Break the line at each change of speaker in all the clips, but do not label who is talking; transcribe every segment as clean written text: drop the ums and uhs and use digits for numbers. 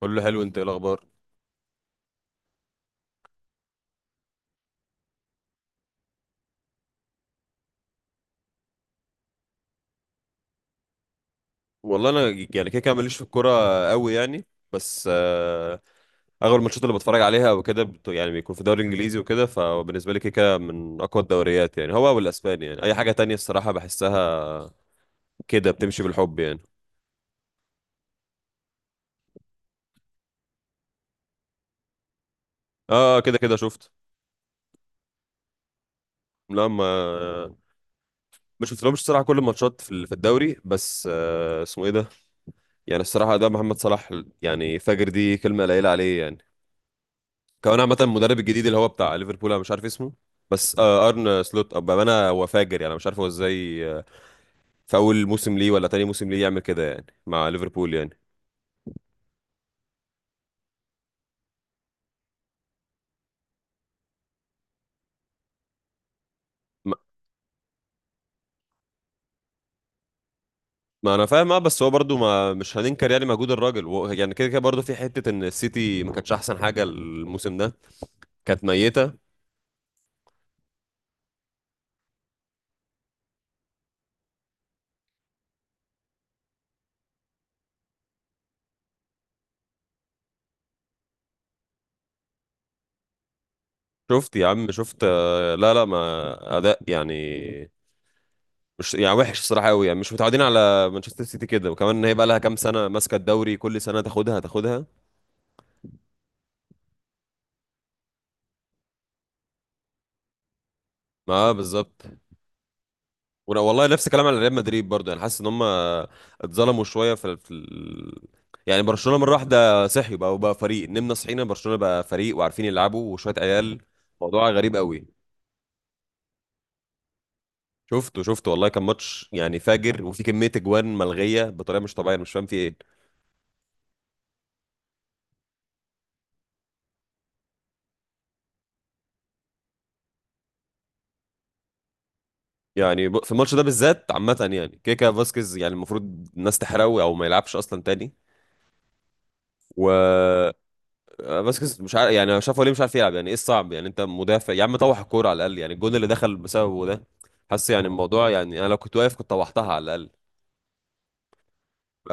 كله حلو، انت ايه الاخبار؟ والله انا يعني كده كده ماليش في الكوره قوي يعني. بس اغلب الماتشات اللي بتفرج عليها وكده يعني بيكون في الدوري الانجليزي وكده، فبالنسبه لي كده كده من اقوى الدوريات، يعني هو والاسباني. يعني اي حاجه تانية الصراحه بحسها كده بتمشي بالحب يعني. اه كده كده شفت. لا، ما شفتلهمش الصراحه كل الماتشات في في الدوري. بس آه، اسمه ايه ده، يعني الصراحه ده محمد صلاح. يعني فجر دي كلمه قليله عليه يعني. كمان عامة المدرب الجديد اللي هو بتاع ليفربول انا مش عارف اسمه، بس ارن سلوت ابقى انا هو فاجر يعني. أنا مش عارف هو ازاي في اول موسم ليه ولا تاني موسم ليه يعمل كده يعني مع ليفربول يعني. ما, ما انا فاهم، اه بس هو برضو ما مش هننكر يعني مجهود الراجل يعني كده كده برضو في حتة ان السيتي ما كانتش احسن حاجة الموسم ده، كانت ميتة. شفت يا عم، شفت لا لا، ما اداء يعني مش يعني وحش الصراحة قوي يعني، مش متعودين على مانشستر سيتي كده. وكمان ان هي بقى لها كام سنة ماسكة الدوري كل سنة تاخدها تاخدها. ما بالظبط. والله نفس الكلام على ريال مدريد برضه، يعني حاسس ان هم اتظلموا شويه في يعني برشلونه مره واحده صحي بقى وبقى فريق، نمنا صحينا برشلونه بقى فريق وعارفين يلعبوا وشويه عيال. موضوع غريب قوي. شفته شفته والله، كان ماتش يعني فاجر، وفي كميه اجوان ملغيه بطريقه مش طبيعيه. أنا مش فاهم في ايه. يعني في الماتش ده بالذات عامه يعني كيكا فاسكيز، يعني المفروض الناس تحرقه او ما يلعبش اصلا تاني. و آه، فاسكيز مش عارف يعني شافه ليه، مش عارف يلعب يعني. ايه الصعب يعني؟ انت مدافع يا عم، طوح الكوره على الاقل. يعني الجون اللي دخل بسببه ده، حاسس يعني الموضوع يعني انا لو كنت واقف كنت طوحتها على الاقل. ف-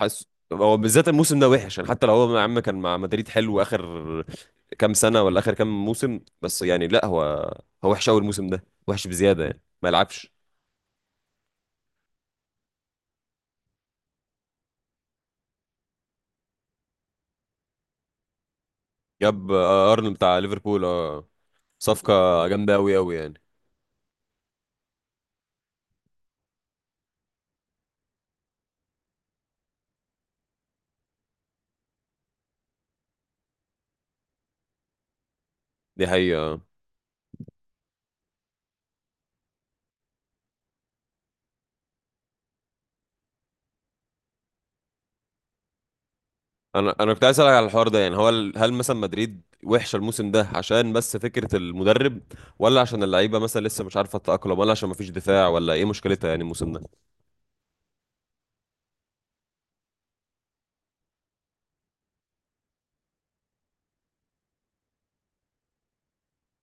حاسس هو بالذات الموسم ده وحش، يعني حتى لو هو يا عم كان مع مدريد حلو اخر كام سنه ولا اخر كام موسم، بس يعني لا هو هو وحش قوي الموسم ده، وحش بزياده يعني ما يلعبش. جاب آه، ارنولد بتاع ليفربول، اه صفقه جامده قوي قوي يعني. دي حقيقه. انا انا كنت عايز اسالك على الحوار ده، يعني هو هل مثلا مدريد وحشه الموسم ده عشان بس فكره المدرب، ولا عشان اللعيبه مثلا لسه مش عارفه تتاقلم، ولا عشان مفيش دفاع، ولا ايه مشكلتها يعني الموسم ده؟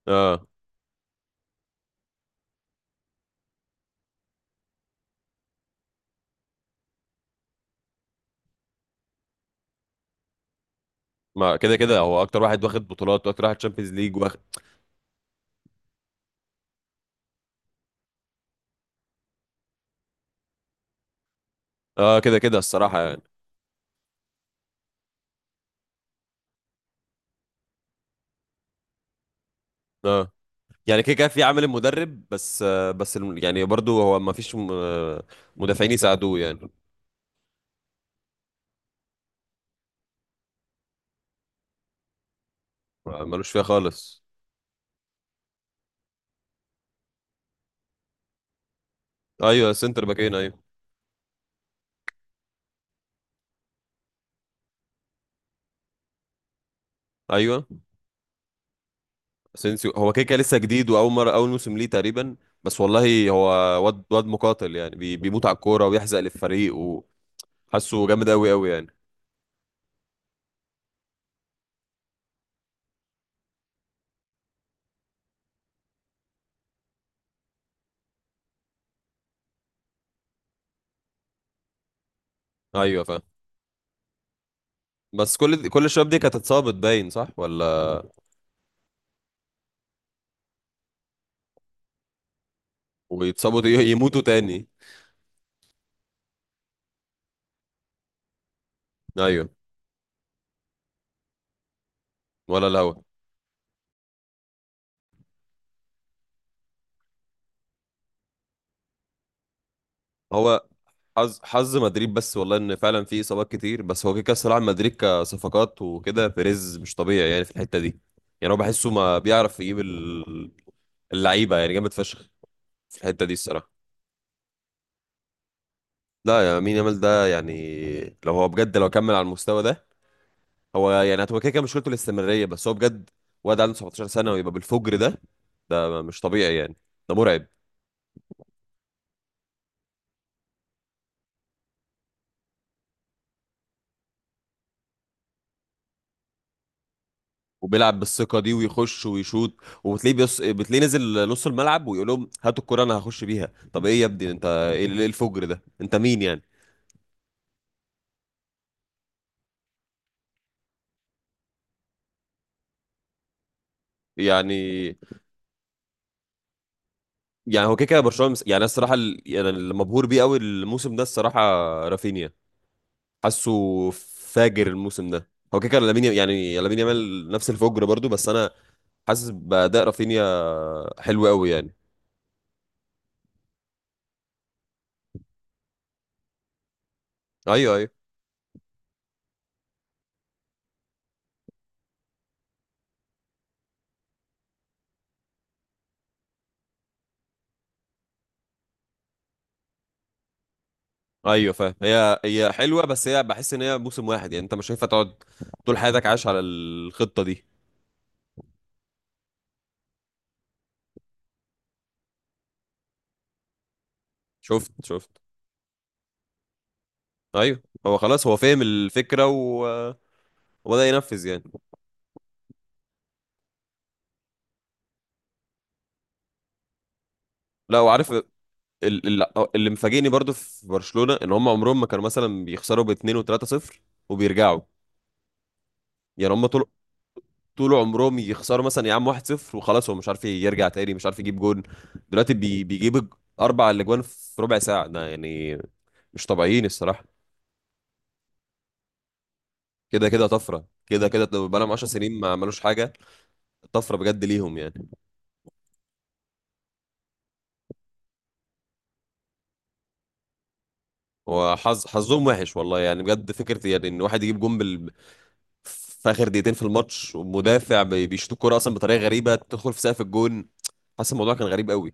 اه ما كده كده هو اكتر واحد واخد بطولات واكتر واحد تشامبيونز ليج واخد. اه كده كده الصراحه يعني. اه يعني كده كده في عامل المدرب، بس آه بس يعني برضو هو مفيش آه، مدافعين يساعدوه يعني. آه، ملوش فيها خالص. ايوه سنتر باكين ايوه. ايوه اسينسيو هو كده كده لسه جديد واول مره اول موسم ليه تقريبا، بس والله هو واد واد مقاتل يعني بي بيموت على الكوره ويحزق للفريق، وحاسه جامد قوي قوي يعني. ايوه فاهم. بس كل الشباب دي كانت اتصابت باين صح ولا؟ يموتوا تاني. ايوه. ولا الهوا؟ هو حظ حظ مدريد. بس والله ان فعلا في اصابات كتير، بس هو كده كده الصراحه مدريد كصفقات وكده بيريز مش طبيعي يعني في الحته دي. يعني هو بحسه ما بيعرف يجيب اللعيبه يعني جامد فشخ في الحته دي الصراحه. لا، يا مين يامال ده يعني، لو هو بجد لو كمل على المستوى ده، هو يعني هتبقى كده كده مشكلته الاستمرارية. بس هو بجد واد عنده 17 سنة ويبقى بالفجر ده، ده مش طبيعي يعني، ده مرعب. وبيلعب بالثقة دي ويخش ويشوط، وبتلاقيه بتلاقيه نزل نص الملعب ويقول لهم هاتوا الكرة انا هخش بيها. طب ايه يا ابني؟ انت ايه؟ إيه الفجر ده؟ انت مين يعني؟ يعني يعني هو كده كده برشلونة يعني أنا الصراحة يعني اللي مبهور بيه قوي الموسم ده الصراحة رافينيا. حاسه فاجر الموسم ده. هو كده كده لامين، يعني لامين يامال نفس الفجر برضو، بس انا حاسس بأداء رافينيا حلو قوي يعني. ايوه ايوه. ايوه فاهم. هي هي حلوه، بس هي بحس ان هي موسم واحد يعني، انت مش هينفع تقعد طول حياتك عايش على الخطه دي. شفت شفت. ايوه هو خلاص هو فاهم الفكره وبدأ ينفذ يعني. لا وعارف اللي مفاجئني برضو في برشلونه ان هم عمرهم ما كانوا مثلا بيخسروا ب2 و3 صفر وبيرجعوا. يعني هم طول عمرهم يخسروا مثلا يا عم 1-0 وخلاص، هو مش عارف يرجع تاني، مش عارف يجيب جون. دلوقتي 4 اجوان في ربع ساعه ده يعني، مش طبيعيين الصراحه. كده كده طفره، كده كده بقى لهم 10 سنين ما عملوش حاجه، طفره بجد ليهم يعني. وحظ حظهم وحش والله يعني بجد. فكره يعني ان واحد يجيب جون في اخر دقيقتين في الماتش، ومدافع بيشوط الكوره اصلا بطريقه غريبه تدخل في سقف الجون. حاسس الموضوع كان غريب قوي.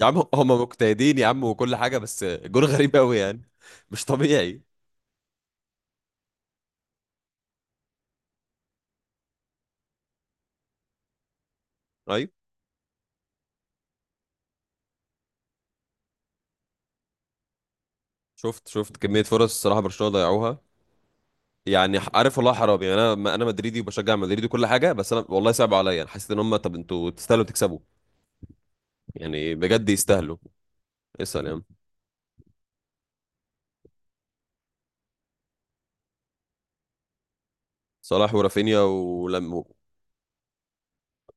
يا عم هم مجتهدين يا عم وكل حاجه، بس الجون غريب قوي يعني، مش طبيعي. ايوه شفت شفت كمية فرص الصراحة برشلونة ضيعوها. يعني عارف والله حرام يعني. انا انا مدريدي وبشجع مدريد وكل حاجة، بس انا والله صعب عليا، انا حسيت ان هم طب انتوا تستاهلوا تكسبوا، يعني بجد يستاهلوا. اسأل يعني. صلاح ورافينيا ولم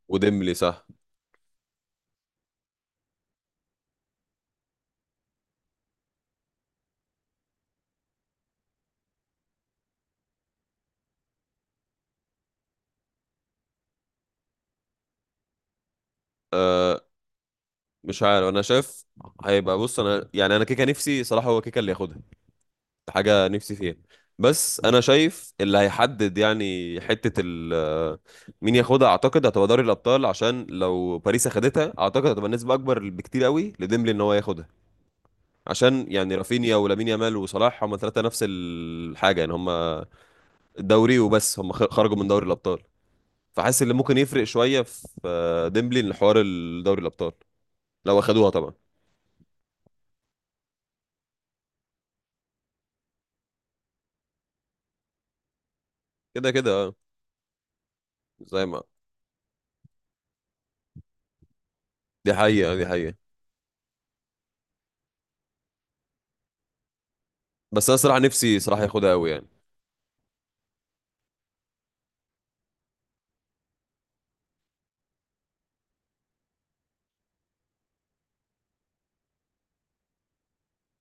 وديمبلي صح. مش عارف، انا شايف هيبقى، بص انا يعني انا كيكا نفسي صلاح هو كيكا اللي ياخدها، حاجة نفسي فيها. بس انا شايف اللي هيحدد يعني حتة ال مين ياخدها، اعتقد هتبقى دوري الابطال. عشان لو باريس اخدتها اعتقد هتبقى نسبة اكبر بكتير قوي لديمبلي ان هو ياخدها، عشان يعني رافينيا ولامين يامال وصلاح هما 3 نفس الحاجة، يعني هما الدوري وبس، هما خرجوا من دوري الابطال. فحاسس اللي ممكن يفرق شوية في آه، ديمبلي ان حوار الدوري الابطال لو اخدوها طبعا. كده كده آه، زي ما دي حقيقة دي حقيقة. بس انا صراحة نفسي صراحة ياخدها قوي يعني.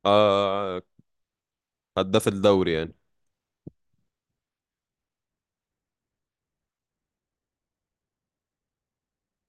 آه هداف الدوري يعني.